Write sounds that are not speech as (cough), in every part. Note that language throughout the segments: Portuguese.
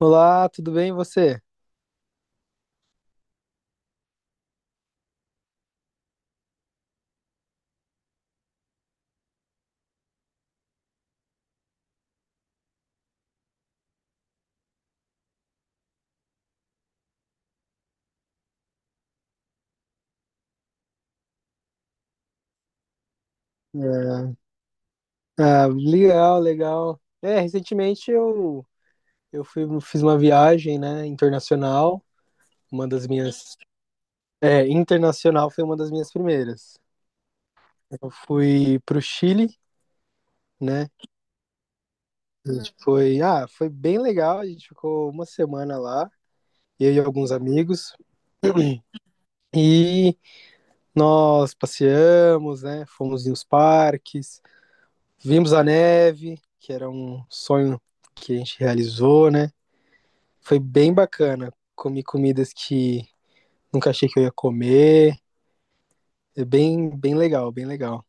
Olá, tudo bem e você? É, ah, legal, legal. É, recentemente eu fiz uma viagem, né, internacional, uma das minhas, internacional foi uma das minhas primeiras. Eu fui pro Chile, né, a gente foi bem legal, a gente ficou uma semana lá, eu e alguns amigos, e nós passeamos, né, fomos em uns parques, vimos a neve, que era um sonho que a gente realizou, né. Foi bem bacana. Comi comidas que nunca achei que eu ia comer. É bem, bem legal, bem legal.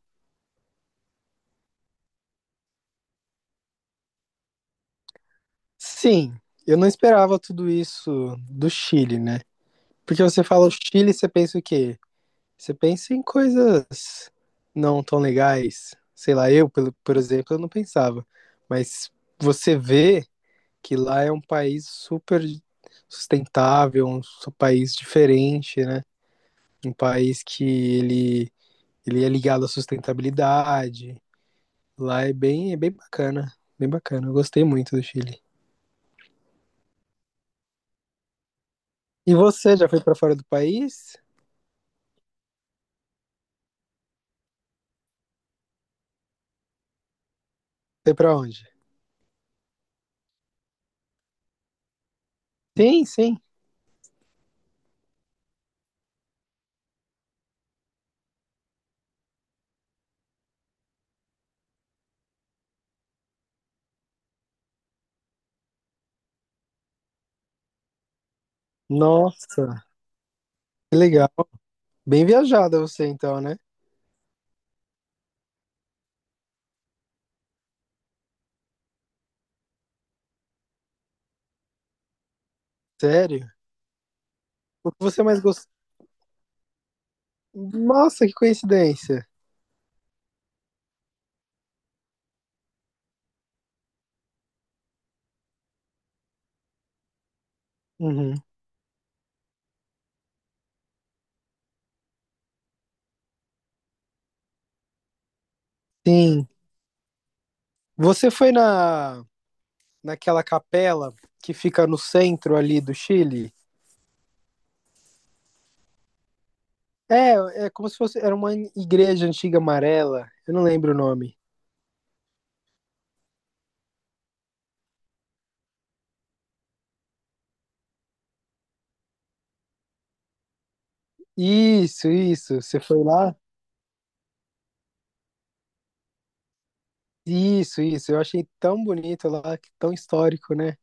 Sim, eu não esperava tudo isso do Chile, né? Porque você fala o Chile, você pensa o quê? Você pensa em coisas não tão legais. Sei lá, eu, por exemplo, eu não pensava. Mas você vê que lá é um país super sustentável, um país diferente, né? Um país. Que ele Ele é ligado à sustentabilidade. Lá é bem bacana. Bem bacana. Eu gostei muito do Chile. E você já foi para fora do país? Foi para onde? Sim, sim. Nossa, que legal. Bem viajada você então, né? Sério? O que você mais gostou? Nossa, que coincidência. Uhum. Sim. Você foi na naquela capela que fica no centro ali do Chile? É como se fosse era uma igreja antiga amarela. Eu não lembro o nome. Isso, isso. Você foi lá? Isso, isso. Eu achei tão bonito lá, que tão histórico, né?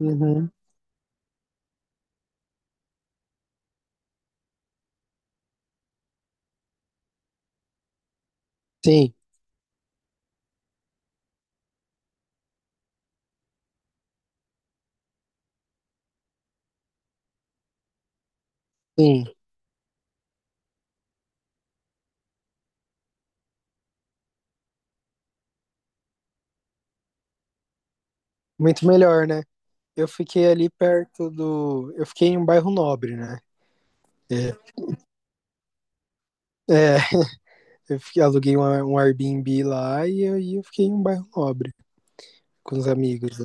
Uhum. Sim, sim. Muito melhor, né? Eu fiquei ali perto do. Eu fiquei em um bairro nobre, né? É, é, aluguei um Airbnb lá e eu fiquei em um bairro nobre com os amigos.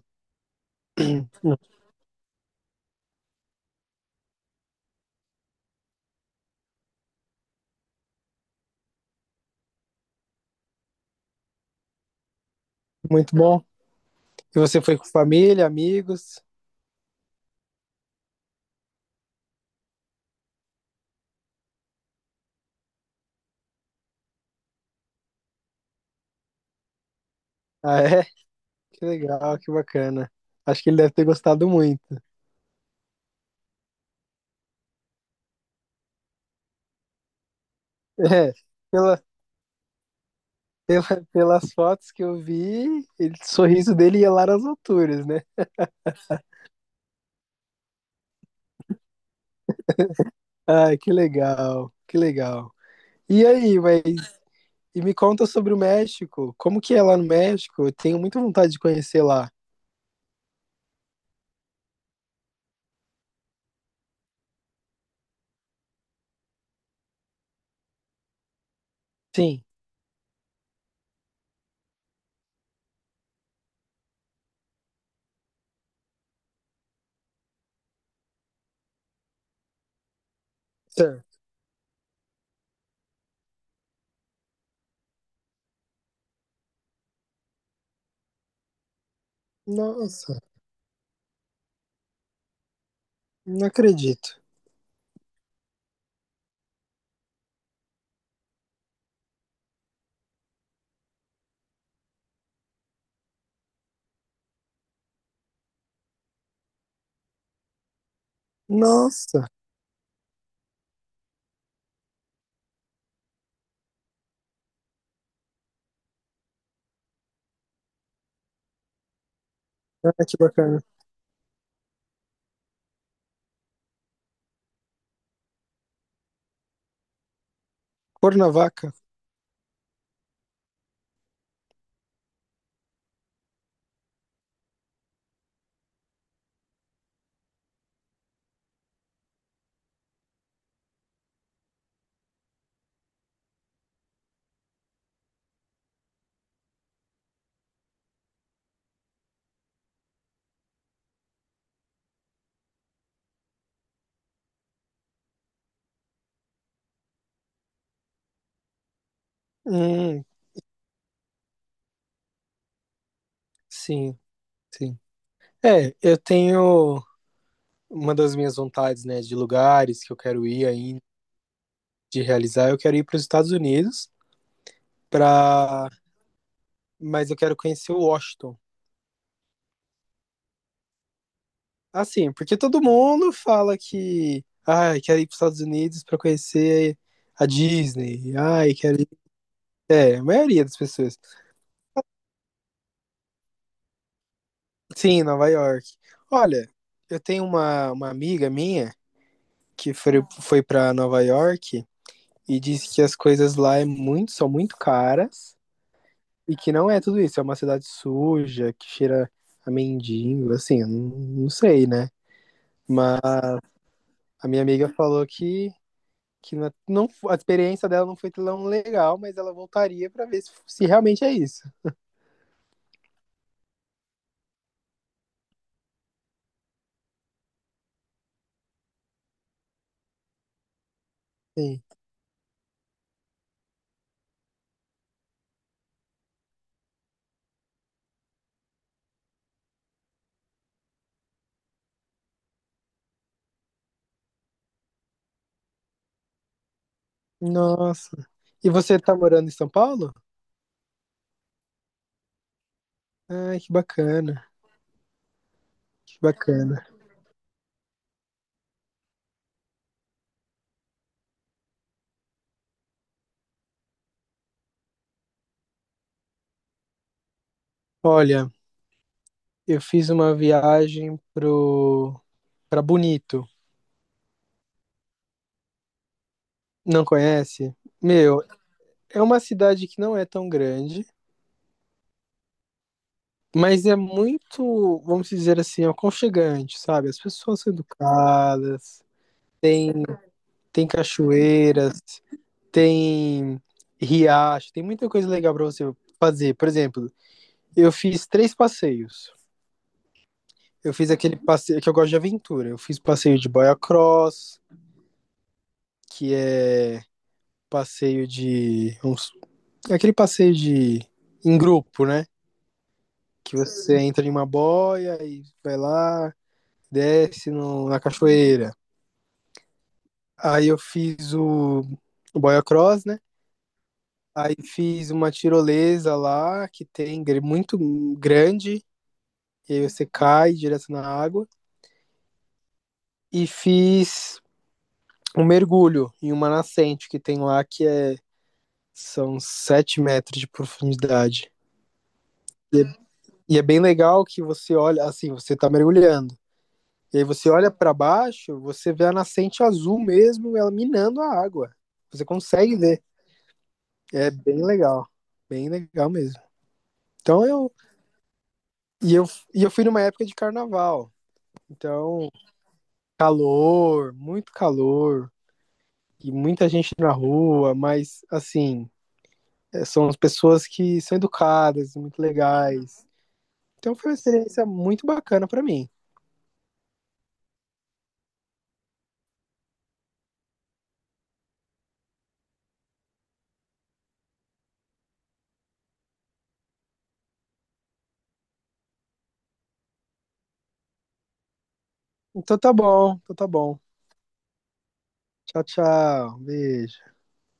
(clears throat) Muito bom. E você foi com família, amigos? Ah, é? Que legal, que bacana. Acho que ele deve ter gostado muito. É, pela- Pela- (laughs) pelas fotos que eu vi, ele, o sorriso dele ia lá nas alturas, né? Ai, que legal, que legal. E aí, e me conta sobre o México. Como que é lá no México? Eu tenho muita vontade de conhecer lá. Sim. Certo. Nossa, não acredito. Nossa, ah, que bacana. Cuernavaca? Hum, sim, sim. É, eu tenho uma das minhas vontades, né, de lugares que eu quero ir ainda, de realizar. Eu quero ir para os Estados Unidos para mas eu quero conhecer o Washington. Assim, porque todo mundo fala que, ai, quero ir para os Estados Unidos para conhecer a Disney. Ai, quero ir. É, a maioria das pessoas. Sim, Nova York. Olha, eu tenho uma amiga minha que foi para Nova York e disse que as coisas lá são muito caras e que não é tudo isso. É uma cidade suja, que cheira a mendigo, assim, eu não sei, né? Mas a minha amiga falou que a experiência dela não foi tão legal, mas ela voltaria pra ver se realmente é isso. Sim. Nossa. E você tá morando em São Paulo? Ai, que bacana, que bacana. Olha, eu fiz uma viagem pro para Bonito. Não conhece? Meu, é uma cidade que não é tão grande, mas é muito, vamos dizer assim, aconchegante, sabe? As pessoas são educadas, tem tem cachoeiras, tem riacho, tem muita coisa legal para você fazer. Por exemplo, eu fiz três passeios. Eu fiz aquele passeio que eu gosto de aventura. Eu fiz passeio de boia cross, que é passeio de. Uns- aquele passeio de. Em grupo, né? Que você entra em uma boia e vai lá, desce na cachoeira. Aí eu fiz o boia cross, né? Aí fiz uma tirolesa lá, que tem muito grande, e aí você cai direto na água. E fiz um mergulho em uma nascente que tem lá, são 7 metros de profundidade. E é, e é bem legal que você olha, assim, você tá mergulhando. E aí você olha para baixo, você vê a nascente azul mesmo, ela minando a água. Você consegue ver. É bem legal. Bem legal mesmo. Então eu. E eu, e eu fui numa época de carnaval. Então, calor, muito calor. E muita gente na rua, mas assim, são as pessoas que são educadas, muito legais. Então foi uma experiência muito bacana pra mim. Então tá bom, então tá bom. Tchau, tchau. Beijo.